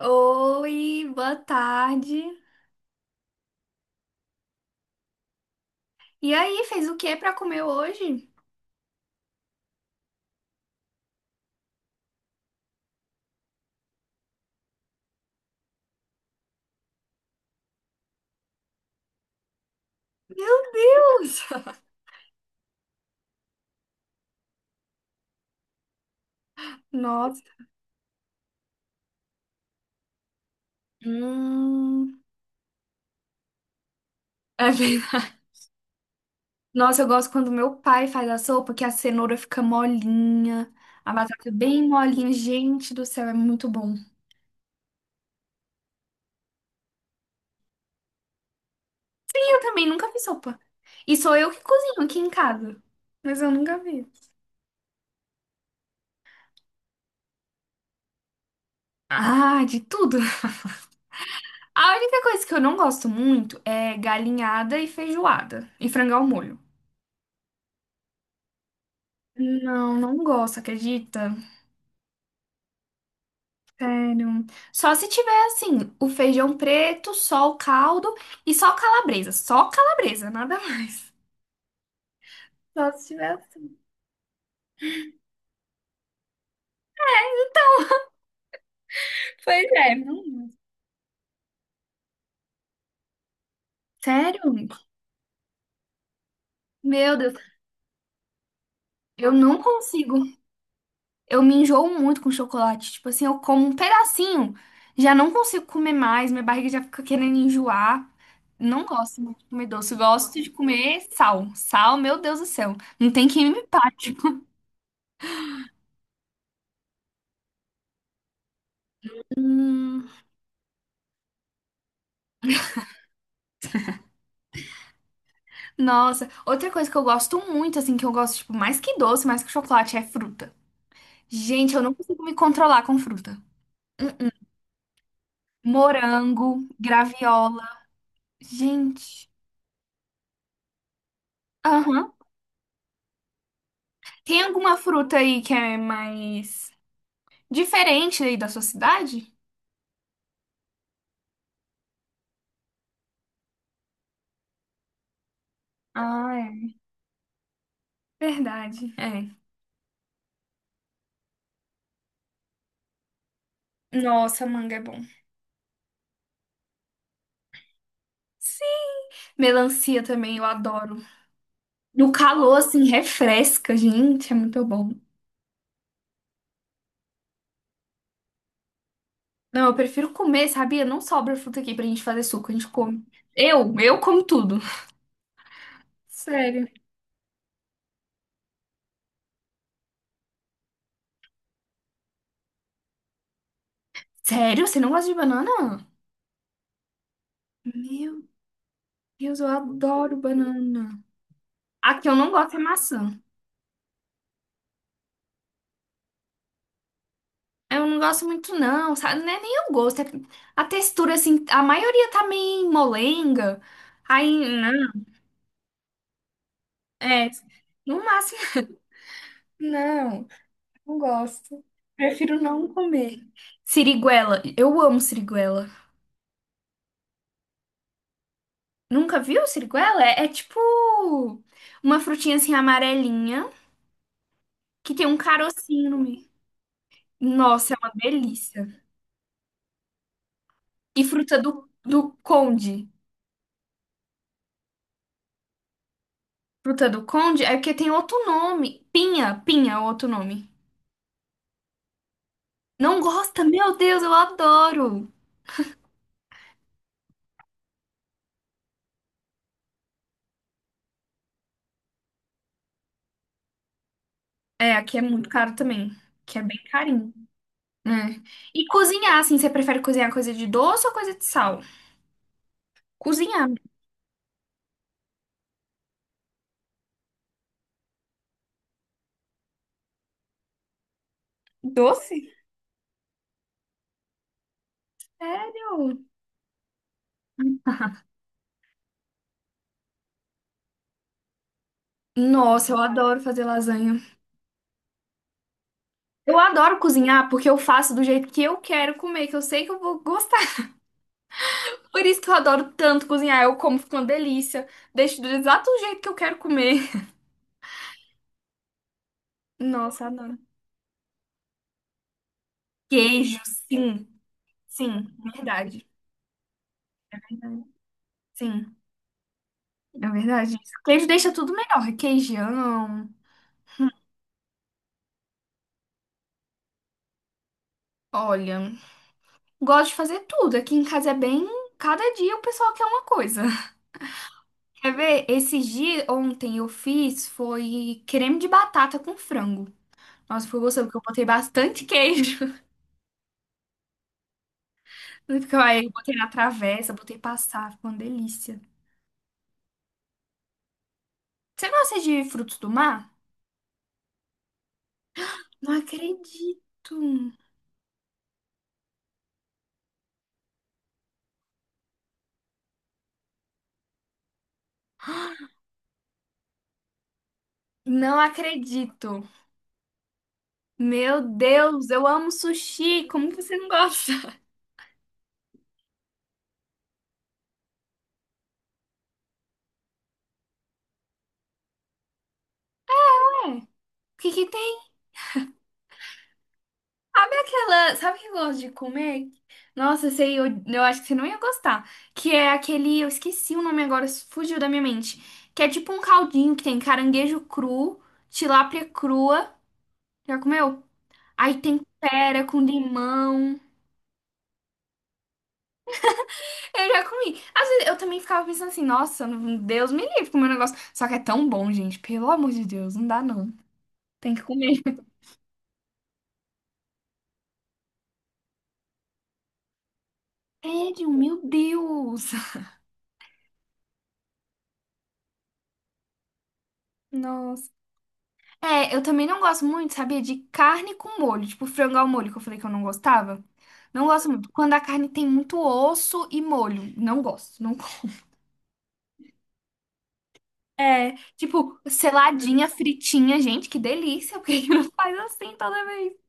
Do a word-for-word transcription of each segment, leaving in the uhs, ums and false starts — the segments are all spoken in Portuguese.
Oi, boa tarde. E aí, fez o que pra comer hoje? Meu Deus! Nossa. Hum. É verdade. Nossa, eu gosto quando meu pai faz a sopa, que a cenoura fica molinha, a batata é bem molinha. Gente do céu, é muito bom. E eu também nunca fiz sopa. E sou eu que cozinho aqui em casa. Mas eu nunca vi. Ah, de tudo. A única coisa que eu não gosto muito é galinhada e feijoada e frango ao molho. Não, não gosto, acredita? Sério. Só se tiver assim, o feijão preto, só o caldo e só calabresa. Só calabresa, nada mais. Só se tiver assim. Pois é, não. Sério? Meu Deus, eu não consigo. Eu me enjoo muito com chocolate. Tipo assim, eu como um pedacinho, já não consigo comer mais, minha barriga já fica querendo enjoar. Não gosto muito de comer doce, gosto de comer sal. Sal, meu Deus do céu. Não tem quem me pare. Nossa, outra coisa que eu gosto muito, assim, que eu gosto, tipo, mais que doce, mais que chocolate, é fruta. Gente, eu não consigo me controlar com fruta. Hum, hum. Morango, graviola. Gente. Aham. Tem alguma fruta aí que é mais diferente aí da sua cidade? Ah, é. Verdade. É. Nossa, manga é bom. Sim. Melancia também, eu adoro. No calor, assim, refresca, gente, é muito bom. Não, eu prefiro comer, sabia? Não sobra fruta aqui pra gente fazer suco, a gente come. Eu, eu como tudo. Sério. Sério? Você não gosta de banana? Meu Deus, eu adoro banana. A que eu não gosto é maçã. Eu não gosto muito, não, sabe? Não é nem o gosto. É a textura, assim, a maioria tá meio molenga. Aí, não, é. No máximo, não, não gosto. Prefiro não comer. Siriguela, eu amo siriguela. Nunca viu siriguela? É, é tipo uma frutinha assim amarelinha que tem um carocinho no meio. Nossa, é uma delícia. E fruta do, do conde. Fruta do conde é porque tem outro nome. Pinha, pinha é outro nome. Não gosta? Meu Deus, eu adoro. É, aqui é muito caro também. Que é bem carinho. Né? E cozinhar, assim, você prefere cozinhar coisa de doce ou coisa de sal? Cozinhar. Doce? Sério? Nossa, eu adoro fazer lasanha. Eu adoro cozinhar porque eu faço do jeito que eu quero comer, que eu sei que eu vou gostar. Por isso que eu adoro tanto cozinhar. Eu como, fica uma delícia. Deixo do exato jeito que eu quero comer. Nossa, adoro. Queijo, sim. Sim, verdade. Verdade. Sim, é verdade. Queijo deixa tudo melhor. Requeijão. Olha, gosto de fazer tudo. Aqui em casa é bem. Cada dia o pessoal quer uma coisa. Quer ver? Esses dias, ontem eu fiz foi creme de batata com frango. Nossa, foi gostoso, porque eu botei bastante queijo. Porque fica- aí eu botei na travessa, botei passar, ficou uma delícia. Você gosta de frutos do mar? Não acredito. Não acredito. Meu Deus, eu amo sushi. Como que você não gosta? É. O que que tem? Sabe aquela. Sabe o que eu gosto de comer? Nossa, eu sei, eu, eu acho que você não ia gostar. Que é aquele. Eu esqueci o nome agora, fugiu da minha mente. Que é tipo um caldinho que tem caranguejo cru, tilápia crua. Já comeu? Aí tempera com limão. Eu já comi. Às vezes eu também ficava pensando assim, nossa, não- Deus me livre comer um negócio. Só que é tão bom, gente. Pelo amor de Deus, não dá não. Tem que comer. Sério, meu Deus. Nossa. É, eu também não gosto muito, sabia? De carne com molho. Tipo, frango ao molho, que eu falei que eu não gostava. Não gosto muito. Quando a carne tem muito osso e molho. Não gosto. Não gosto. É, tipo, seladinha, fritinha. Gente, que delícia. Por que que não faz assim toda vez?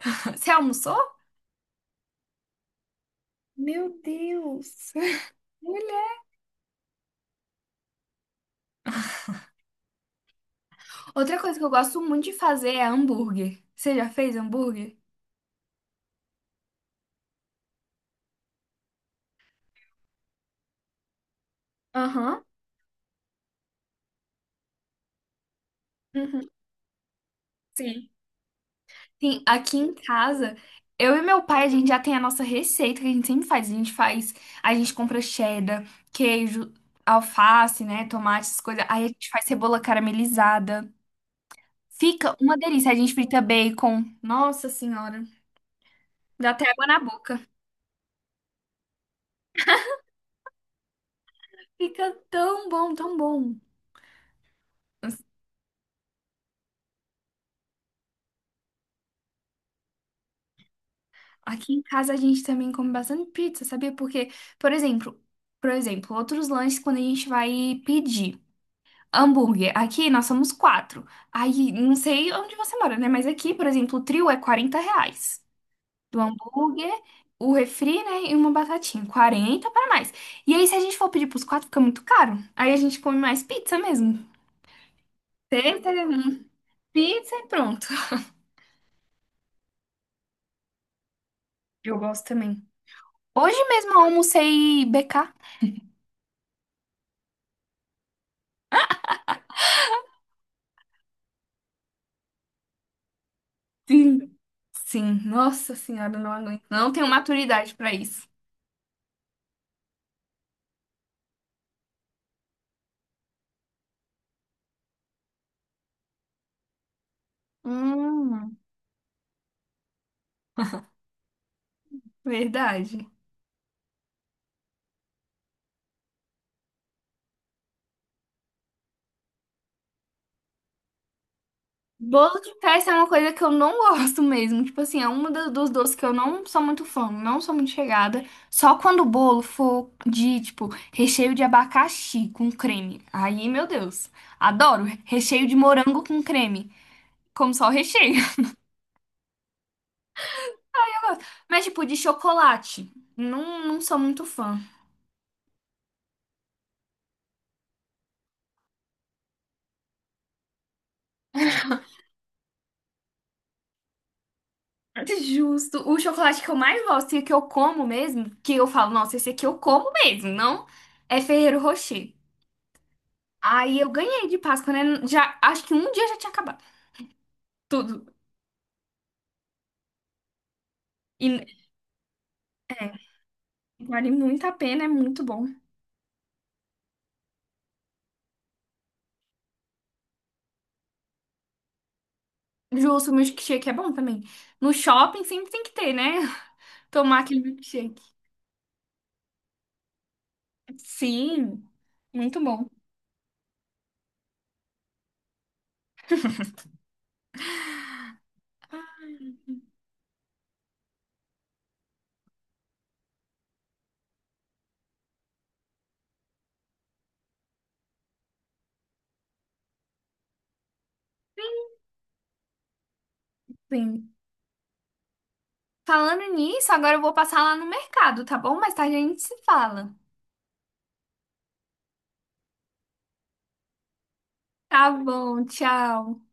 Você almoçou? Meu Deus. Outra coisa que eu gosto muito de fazer é hambúrguer. Você já fez hambúrguer? Aham. Uhum. Sim. Sim, aqui em casa, eu e meu pai, a gente já tem a nossa receita que a gente sempre faz. A gente faz, a gente compra cheddar, queijo, alface, né, tomate, essas coisas. Aí a gente faz cebola caramelizada. Fica uma delícia. A gente frita bacon. Nossa Senhora, dá até água na boca. Fica tão bom, tão bom. Aqui em casa a gente também come bastante pizza, sabia? Porque, por exemplo, por exemplo, outros lanches quando a gente vai pedir hambúrguer, aqui nós somos quatro. Aí, não sei onde você mora, né? Mas aqui, por exemplo, o trio é quarenta reais. Do hambúrguer, o refri, né? E uma batatinha. Quarenta para mais. E aí, se a gente for pedir pros quatro, fica muito caro. Aí a gente come mais pizza mesmo. Pizza, pizza e pronto. Eu gosto também. Hoje mesmo eu almocei B K. Sim, sim. Nossa senhora, não aguento. Não tenho maturidade pra isso. Hum. Verdade. Bolo de festa é uma coisa que eu não gosto mesmo. Tipo assim, é uma da- dos doces que eu não sou muito fã, não sou muito chegada. Só quando o bolo for de, tipo, recheio de abacaxi com creme. Aí, meu Deus. Adoro. Recheio de morango com creme. Como só o recheio. Mas, tipo, de chocolate. Não, não sou muito fã. Justo. O chocolate que eu mais gosto e que eu como mesmo, que eu falo, nossa, esse aqui eu como mesmo, não é Ferrero Rocher. Aí eu ganhei de Páscoa, né? Já, acho que um dia já tinha acabado tudo. E é, vale muito a pena, é muito bom. Justo, o milkshake é bom também. No shopping sempre tem que ter, né? Tomar aquele milkshake. Sim, muito bom. Sim. Falando nisso, agora eu vou passar lá no mercado, tá bom? Mais tarde a gente se fala. Tá bom, tchau.